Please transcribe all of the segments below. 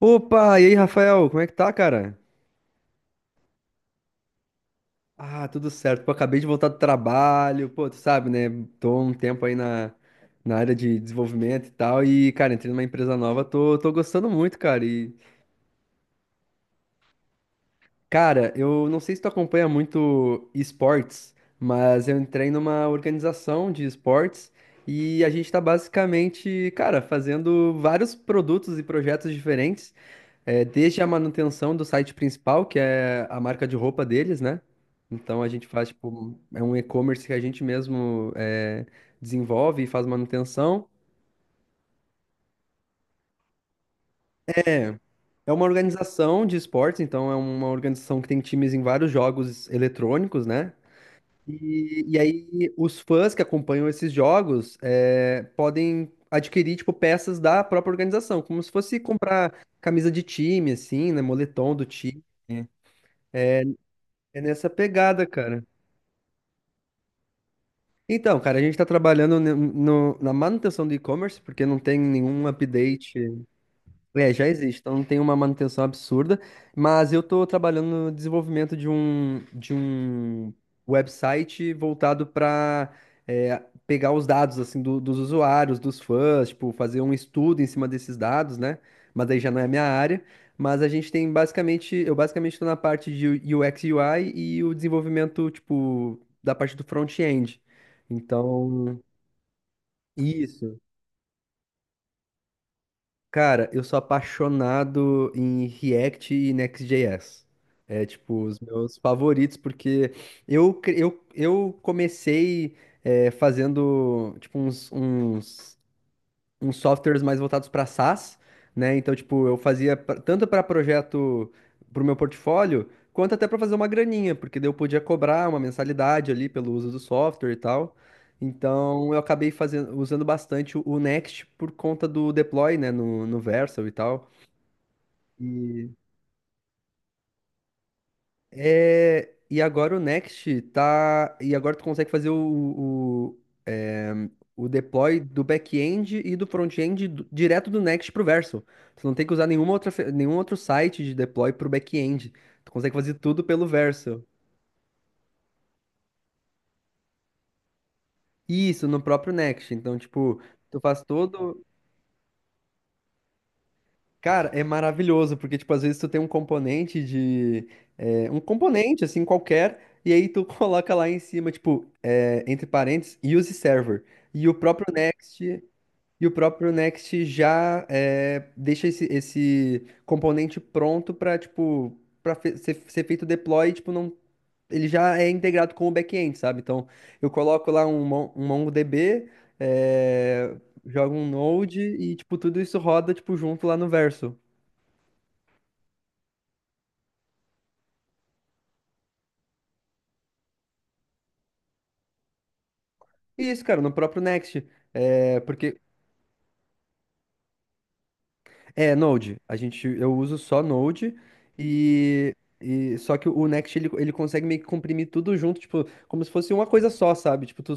Opa, e aí, Rafael, como é que tá, cara? Ah, tudo certo. Pô, acabei de voltar do trabalho. Pô, tu sabe, né? Tô um tempo aí na área de desenvolvimento e tal. E, cara, entrei numa empresa nova, tô gostando muito, cara. E, cara, eu não sei se tu acompanha muito esportes, mas eu entrei numa organização de esportes e a gente tá basicamente, cara, fazendo vários produtos e projetos diferentes. É, desde a manutenção do site principal, que é a marca de roupa deles, né? Então a gente faz, tipo, é um e-commerce que a gente mesmo desenvolve e faz manutenção. É, é uma organização de esportes, então é uma organização que tem times em vários jogos eletrônicos, né? E aí os fãs que acompanham esses jogos podem adquirir, tipo, peças da própria organização, como se fosse comprar camisa de time, assim, né? Moletom do time. É nessa pegada, cara. Então, cara, a gente está trabalhando na manutenção do e-commerce, porque não tem nenhum update, é, já existe, então não tem uma manutenção absurda, mas eu estou trabalhando no desenvolvimento de um website voltado para pegar os dados assim dos usuários, dos fãs, tipo, fazer um estudo em cima desses dados, né? Mas daí já não é minha área. Mas a gente tem basicamente, eu basicamente estou na parte de UX UI e U I e o desenvolvimento, tipo, da parte do front-end. Então, isso. Cara, eu sou apaixonado em React e Next.js. É tipo os meus favoritos, porque eu comecei fazendo tipo uns softwares mais voltados para SaaS, né? Então, tipo, eu fazia pra- tanto para projeto para o meu portfólio, quanto até para fazer uma graninha, porque daí eu podia cobrar uma mensalidade ali pelo uso do software e tal. Então, eu acabei fazendo, usando bastante o Next por conta do deploy, né, no Vercel e tal. E e agora o Next tá. E agora tu consegue fazer é, o deploy do back-end e do front-end direto do Next pro Verso. Tu não tem que usar nenhum outro site de deploy pro back-end. Tu consegue fazer tudo pelo Verso. Isso, no próprio Next. Então, tipo, tu faz todo. Cara, é maravilhoso, porque, tipo, às vezes tu tem um componente de... é, um componente, assim, qualquer, e aí tu coloca lá em cima, tipo, é, entre parênteses, use server. E o próprio Next, e o próprio Next já deixa esse componente pronto pra ser feito o deploy, tipo, não... Ele já é integrado com o back-end, sabe? Então, eu coloco lá um MongoDB, é, jogo um Node e, tipo, tudo isso roda, tipo, junto lá no Verso. Isso, cara, no próprio Next. É, porque é Node. A gente, eu uso só Node e, e só que o Next ele, ele consegue meio que comprimir tudo junto, tipo, como se fosse uma coisa só, sabe? Tipo, tu,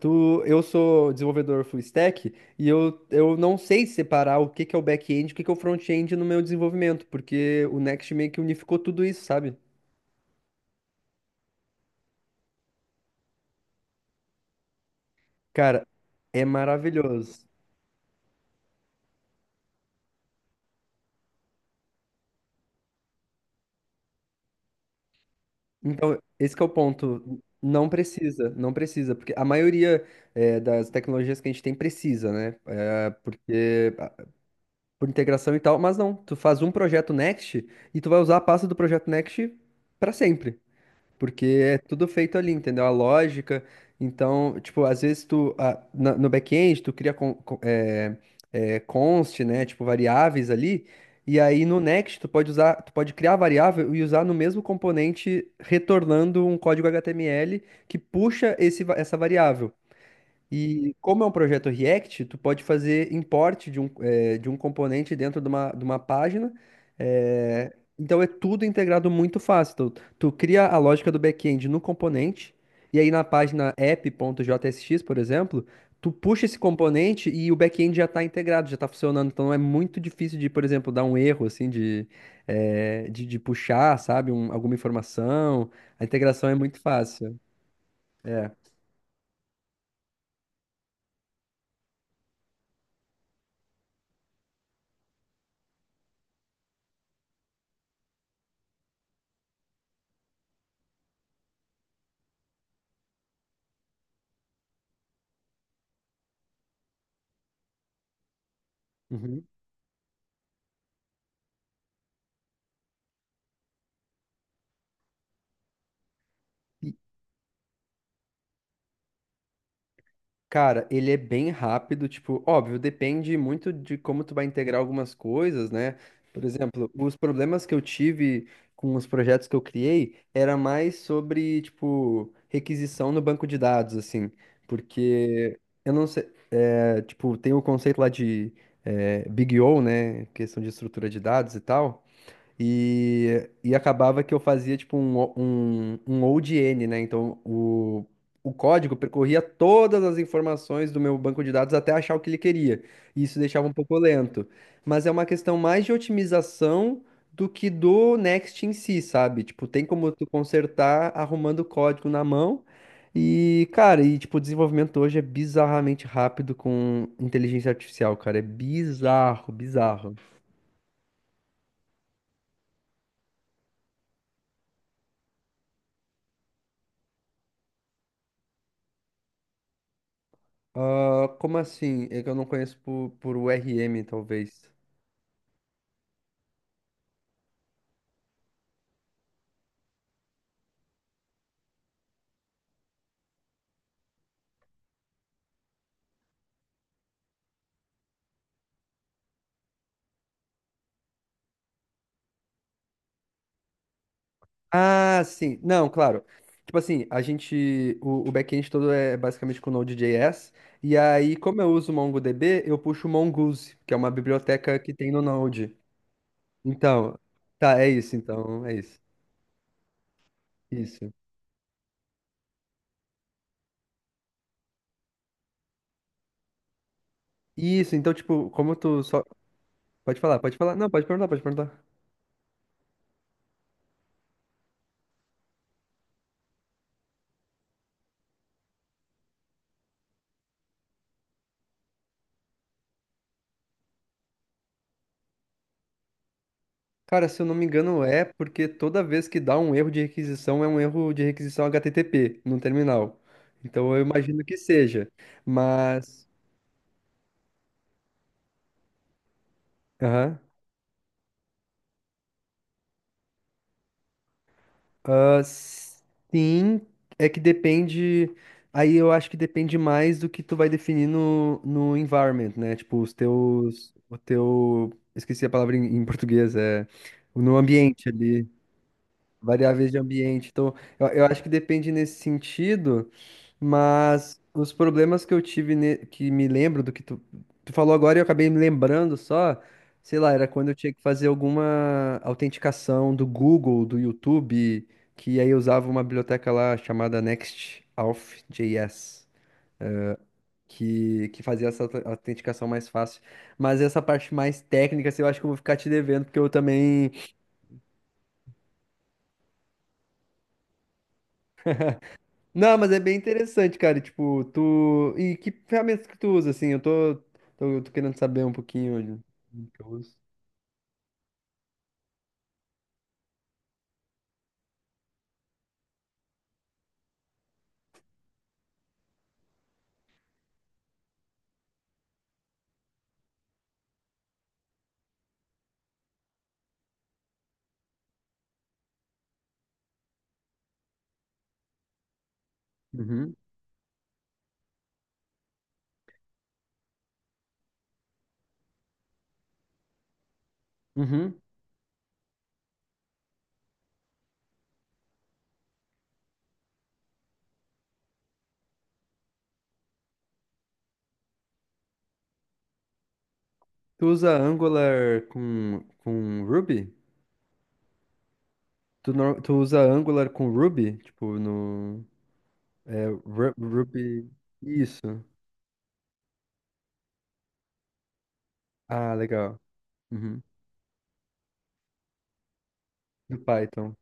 tu, eu sou desenvolvedor full stack e eu não sei separar o que que é o back-end, e o que que é o front-end no meu desenvolvimento, porque o Next meio que unificou tudo isso, sabe? Cara, é maravilhoso. Então, esse que é o ponto. Não precisa, não precisa, porque a maioria das tecnologias que a gente tem precisa, né? Porque por integração e tal, mas não, tu faz um projeto Next e tu vai usar a pasta do projeto Next para sempre. Porque é tudo feito ali, entendeu? A lógica. Então, tipo, às vezes tu, ah, no back-end, tu cria const, né? Tipo, variáveis ali. E aí no next, tu pode usar, tu pode criar a variável e usar no mesmo componente, retornando um código HTML que puxa esse, essa variável. E como é um projeto React, tu pode fazer import de um componente dentro de uma página. eh, então é tudo integrado muito fácil. Tu, tu cria a lógica do back-end no componente, e aí na página app.jsx, por exemplo, tu puxa esse componente e o back-end já está integrado, já está funcionando. Então é muito difícil de, por exemplo, dar um erro assim de puxar, sabe, alguma informação. A integração é muito fácil. É. Uhum. Cara, ele é bem rápido, tipo, óbvio, depende muito de como tu vai integrar algumas coisas, né? Por exemplo, os problemas que eu tive com os projetos que eu criei era mais sobre, tipo, requisição no banco de dados, assim, porque eu não sei, tipo, tem o conceito lá de Big O, né? Questão de estrutura de dados e tal. E acabava que eu fazia tipo um ODN, né? Então o código percorria todas as informações do meu banco de dados até achar o que ele queria. E isso deixava um pouco lento. Mas é uma questão mais de otimização do que do Next em si, sabe? Tipo, tem como tu consertar arrumando o código na mão. E, cara, e tipo, o desenvolvimento hoje é bizarramente rápido com inteligência artificial, cara. É bizarro, bizarro. Ah, como assim? É que eu não conheço por URM, talvez. Ah, sim. Não, claro. Tipo assim, a gente. O back-end todo é basicamente com Node.js. E aí, como eu uso MongoDB, eu puxo o Mongoose, que é uma biblioteca que tem no Node. Então, tá, é isso, então, é isso. Isso. Isso, então, tipo, como tu só. Pode falar, pode falar. Não, pode perguntar, pode perguntar. Cara, se eu não me engano, é porque toda vez que dá um erro de requisição, é um erro de requisição HTTP no terminal. Então eu imagino que seja. Mas. Aham. Ah, sim, é que depende. Aí eu acho que depende mais do que tu vai definir no environment, né? Tipo, os teus. O teu. Esqueci a palavra em português, é. No ambiente ali. Variáveis de ambiente. Então, eu acho que depende nesse sentido, mas os problemas que eu tive, que me lembro do que tu falou agora, e eu acabei me lembrando só, sei lá, era quando eu tinha que fazer alguma autenticação do Google, do YouTube, que aí eu usava uma biblioteca lá chamada Next Auth NextAuth.js. Que fazia essa autenticação mais fácil. Mas essa parte mais técnica, assim, eu acho que eu vou ficar te devendo, porque eu também. Não, mas é bem interessante, cara. E, tipo, tu. E que ferramentas que tu usa, assim? Eu tô querendo saber um pouquinho que eu uso. Uhum. Uhum. Tu usa Angular com Ruby? Tu, nor- tu usa Angular com Ruby? Tipo, no. É, Ruby. Isso. Ah, legal. Uhum. Do Python.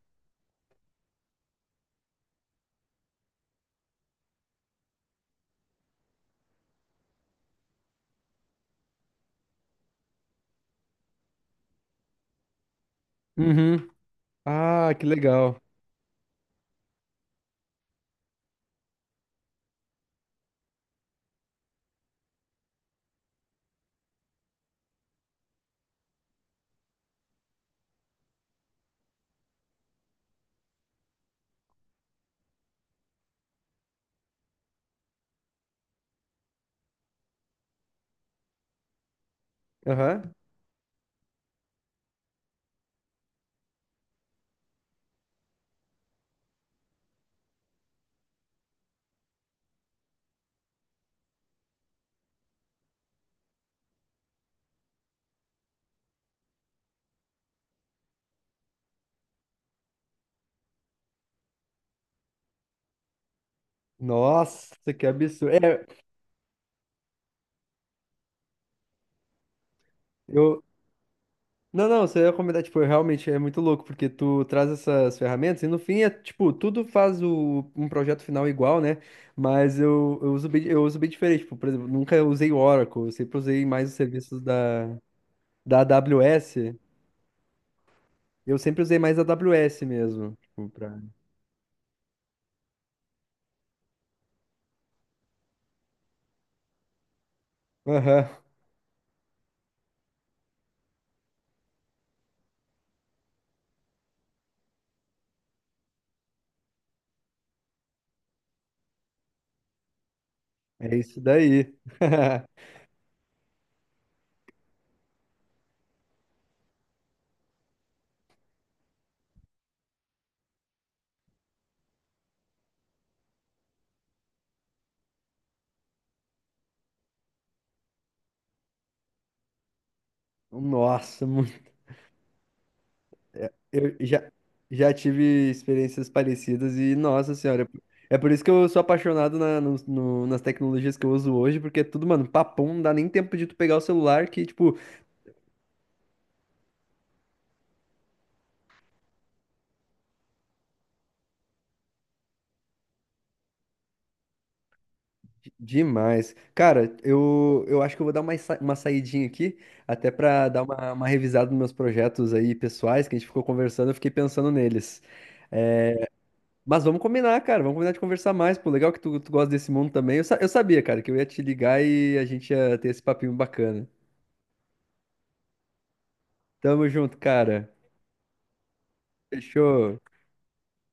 Uhum. Ah, que legal. Aham. Nossa, que absurdo. Eu, Não, não, você ia comentar, tipo, realmente é muito louco, porque tu traz essas ferramentas e no fim é, tipo, tudo faz o, um projeto final igual, né? Mas eu uso bem diferente, tipo, por exemplo, nunca usei o Oracle, eu sempre usei mais os serviços da AWS, eu sempre usei mais a AWS mesmo, tipo, pra... Aham, é isso daí. Nossa, Eu já tive experiências parecidas e, nossa senhora, é por isso que eu sou apaixonado nas tecnologias que eu uso hoje, porque é tudo, mano, papum, não dá nem tempo de tu pegar o celular, que, tipo, demais. Cara, eu acho que eu vou dar uma saidinha aqui, até pra dar uma revisada nos meus projetos aí pessoais, que a gente ficou conversando, eu fiquei pensando neles. Mas vamos combinar, cara, vamos combinar de conversar mais, pô, legal que tu gosta desse mundo também. Eu sabia, cara, que eu ia te ligar e a gente ia ter esse papinho bacana. Tamo junto, cara. Fechou.